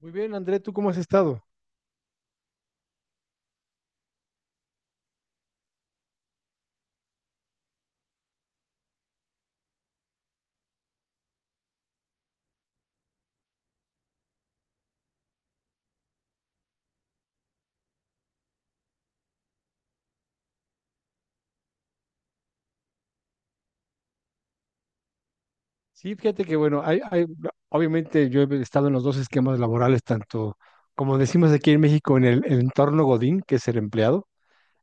Muy bien, André, ¿tú cómo has estado? Sí, fíjate que bueno, obviamente yo he estado en los dos esquemas laborales, tanto como decimos aquí en México, en el entorno Godín, que es el empleado,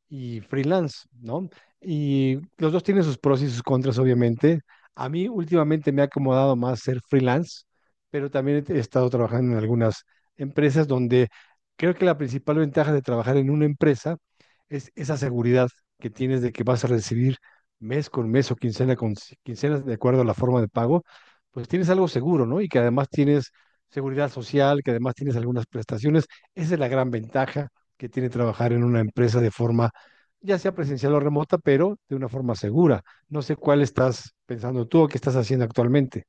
y freelance, ¿no? Y los dos tienen sus pros y sus contras, obviamente. A mí últimamente me ha acomodado más ser freelance, pero también he estado trabajando en algunas empresas donde creo que la principal ventaja de trabajar en una empresa es esa seguridad que tienes de que vas a recibir mes con mes o quincena con quincena, de acuerdo a la forma de pago, pues tienes algo seguro, ¿no? Y que además tienes seguridad social, que además tienes algunas prestaciones. Esa es la gran ventaja que tiene trabajar en una empresa de forma ya sea presencial o remota, pero de una forma segura. No sé cuál estás pensando tú o qué estás haciendo actualmente.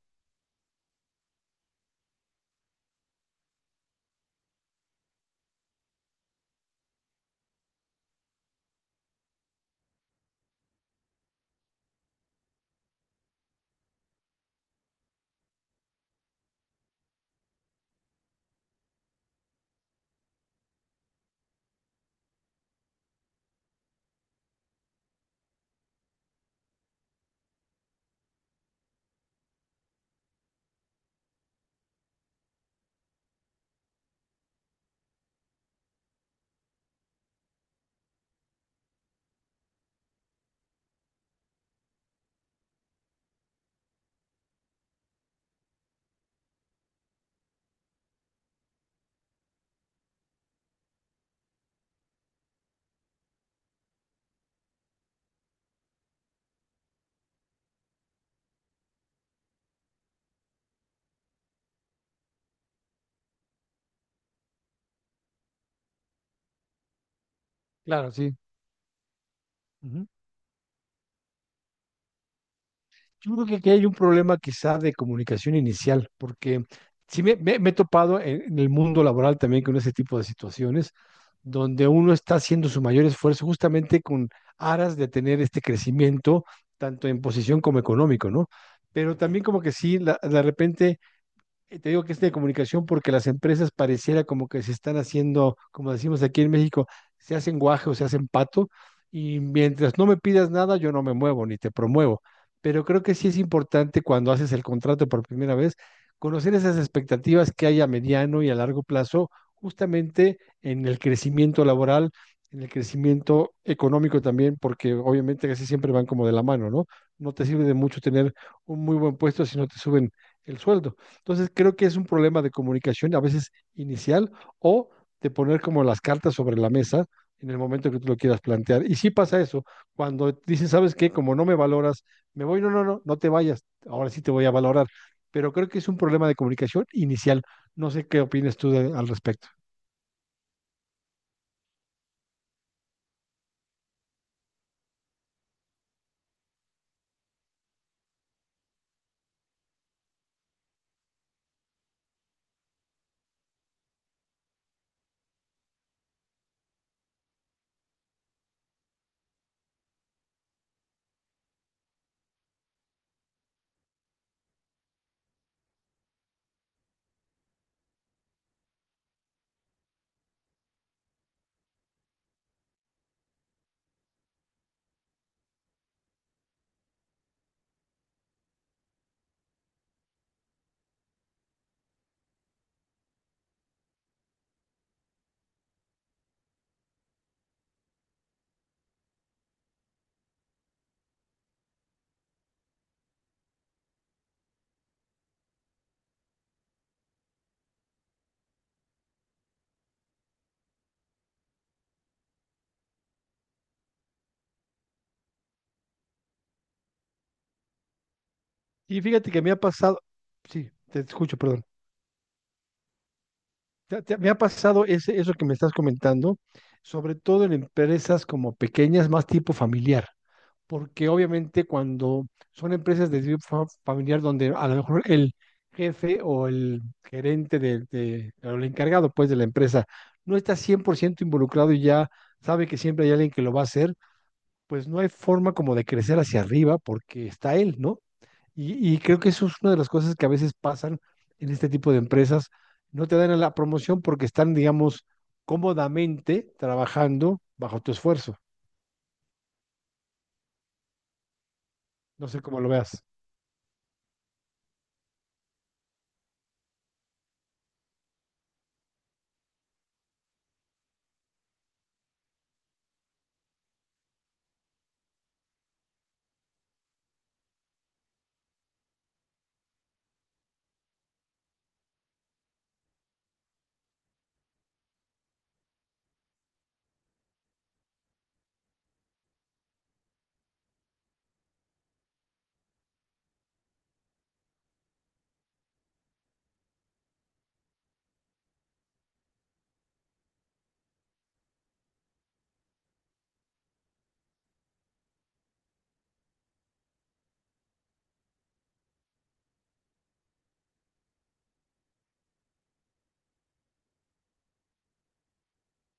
Claro, sí. Ujú. Yo creo que aquí hay un problema quizá de comunicación inicial, porque sí me he topado en el mundo laboral también con ese tipo de situaciones, donde uno está haciendo su mayor esfuerzo justamente con aras de tener este crecimiento, tanto en posición como económico, ¿no? Pero también como que sí, de repente, te digo que es de comunicación porque las empresas pareciera como que se están haciendo, como decimos aquí en México, se hacen guaje o se hacen pato, y mientras no me pidas nada, yo no me muevo ni te promuevo. Pero creo que sí es importante cuando haces el contrato por primera vez, conocer esas expectativas que hay a mediano y a largo plazo, justamente en el crecimiento laboral, en el crecimiento económico también, porque obviamente casi siempre van como de la mano, ¿no? No te sirve de mucho tener un muy buen puesto si no te suben el sueldo. Entonces creo que es un problema de comunicación, a veces inicial, o de poner como las cartas sobre la mesa en el momento que tú lo quieras plantear. Y sí pasa eso, cuando dicen, ¿sabes qué? Como no me valoras, me voy. No, no, no, no te vayas, ahora sí te voy a valorar. Pero creo que es un problema de comunicación inicial. No sé qué opinas tú al respecto. Y fíjate que me ha pasado. Sí, te escucho, perdón. Me ha pasado eso que me estás comentando, sobre todo en empresas como pequeñas, más tipo familiar, porque obviamente cuando son empresas de tipo familiar, donde a lo mejor el jefe o el gerente o el encargado pues de la empresa no está 100% involucrado y ya sabe que siempre hay alguien que lo va a hacer, pues no hay forma como de crecer hacia arriba porque está él, ¿no? Y creo que eso es una de las cosas que a veces pasan en este tipo de empresas. No te dan a la promoción porque están, digamos, cómodamente trabajando bajo tu esfuerzo. No sé cómo lo veas.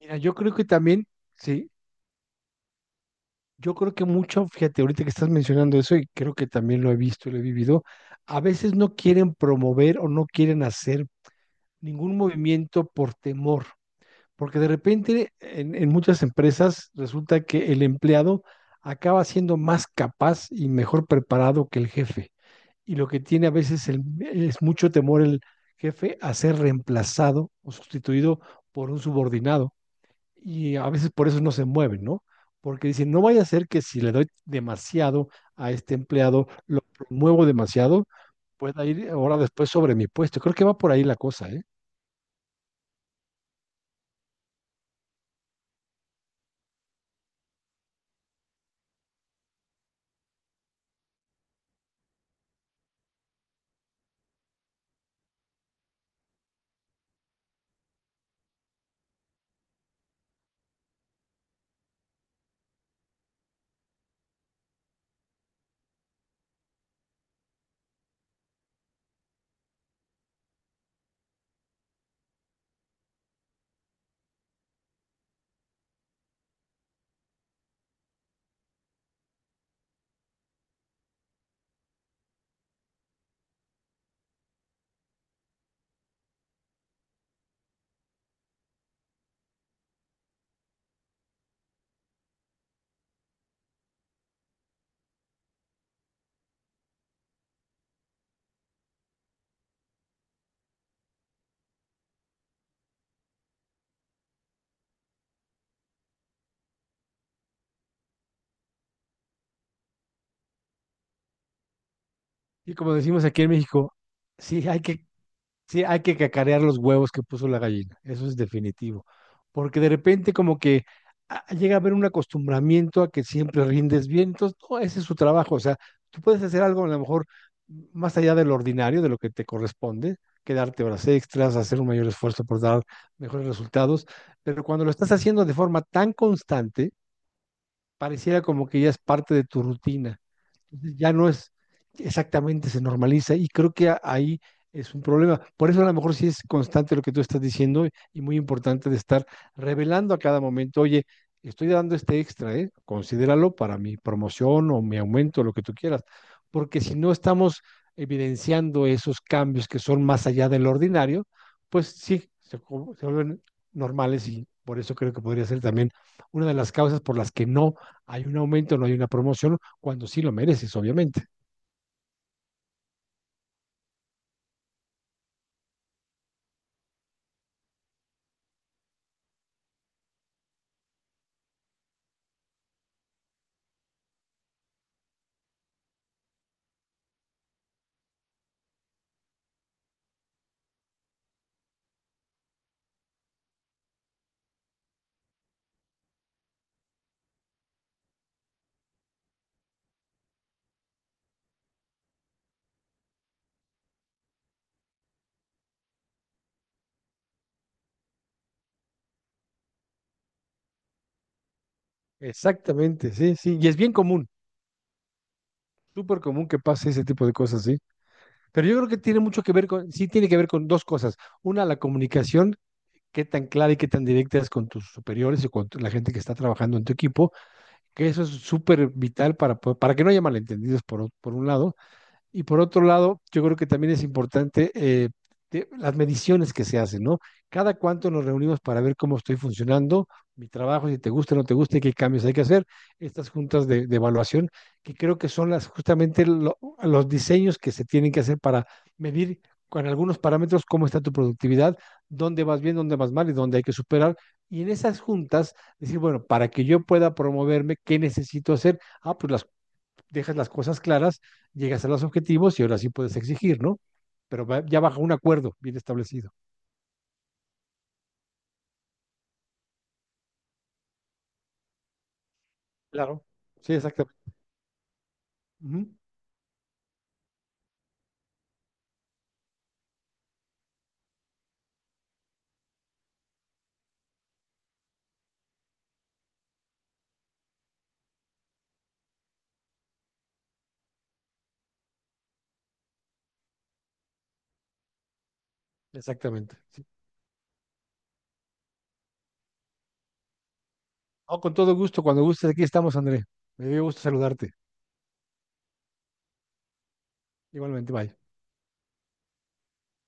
Mira, yo creo que también, sí, yo creo que mucho, fíjate, ahorita que estás mencionando eso, y creo que también lo he visto y lo he vivido, a veces no quieren promover o no quieren hacer ningún movimiento por temor, porque de repente en muchas empresas resulta que el empleado acaba siendo más capaz y mejor preparado que el jefe, y lo que tiene a veces es mucho temor el jefe a ser reemplazado o sustituido por un subordinado, y a veces por eso no se mueven, ¿no? Porque dicen, no vaya a ser que si le doy demasiado a este empleado, lo promuevo demasiado, pueda ir ahora después sobre mi puesto. Creo que va por ahí la cosa, ¿eh? Y como decimos aquí en México, sí hay que Sí, hay que cacarear los huevos que puso la gallina, eso es definitivo, porque de repente como que, llega a haber un acostumbramiento a que siempre rindes bien. Entonces no, ese es su trabajo, o sea, tú puedes hacer algo a lo mejor más allá de lo ordinario, de lo que te corresponde, quedarte horas extras, hacer un mayor esfuerzo por dar mejores resultados, pero cuando lo estás haciendo de forma tan constante, pareciera como que ya es parte de tu rutina, entonces ya no es. Exactamente, se normaliza, y creo que ahí es un problema. Por eso a lo mejor sí es constante lo que tú estás diciendo y muy importante de estar revelando a cada momento, oye, estoy dando este extra, ¿eh? Considéralo para mi promoción o mi aumento, lo que tú quieras, porque si no estamos evidenciando esos cambios que son más allá del ordinario, pues sí, se vuelven normales, y por eso creo que podría ser también una de las causas por las que no hay un aumento, no hay una promoción cuando sí lo mereces, obviamente. Exactamente, sí, sí. Y es bien común, súper común que pase ese tipo de cosas, sí. Pero yo creo que tiene mucho que ver con, sí, tiene que ver con dos cosas. Una, la comunicación, qué tan clara y qué tan directa es con tus superiores y con la gente que está trabajando en tu equipo, que eso es súper vital para que no haya malentendidos por un lado. Y por otro lado, yo creo que también es importante, las mediciones que se hacen, ¿no? Cada cuánto nos reunimos para ver cómo estoy funcionando, mi trabajo, si te gusta o no te gusta y qué cambios hay que hacer. Estas juntas de evaluación, que creo que son las, justamente los diseños que se tienen que hacer para medir con algunos parámetros cómo está tu productividad, dónde vas bien, dónde vas mal y dónde hay que superar. Y en esas juntas, decir, bueno, para que yo pueda promoverme, ¿qué necesito hacer? Ah, pues las dejas las cosas claras, llegas a los objetivos y ahora sí puedes exigir, ¿no? Pero ya bajo un acuerdo bien establecido. Claro, sí, exactamente. Ujú. Exactamente, sí. No, con todo gusto, cuando gustes, aquí estamos, André. Me dio gusto saludarte. Igualmente, bye.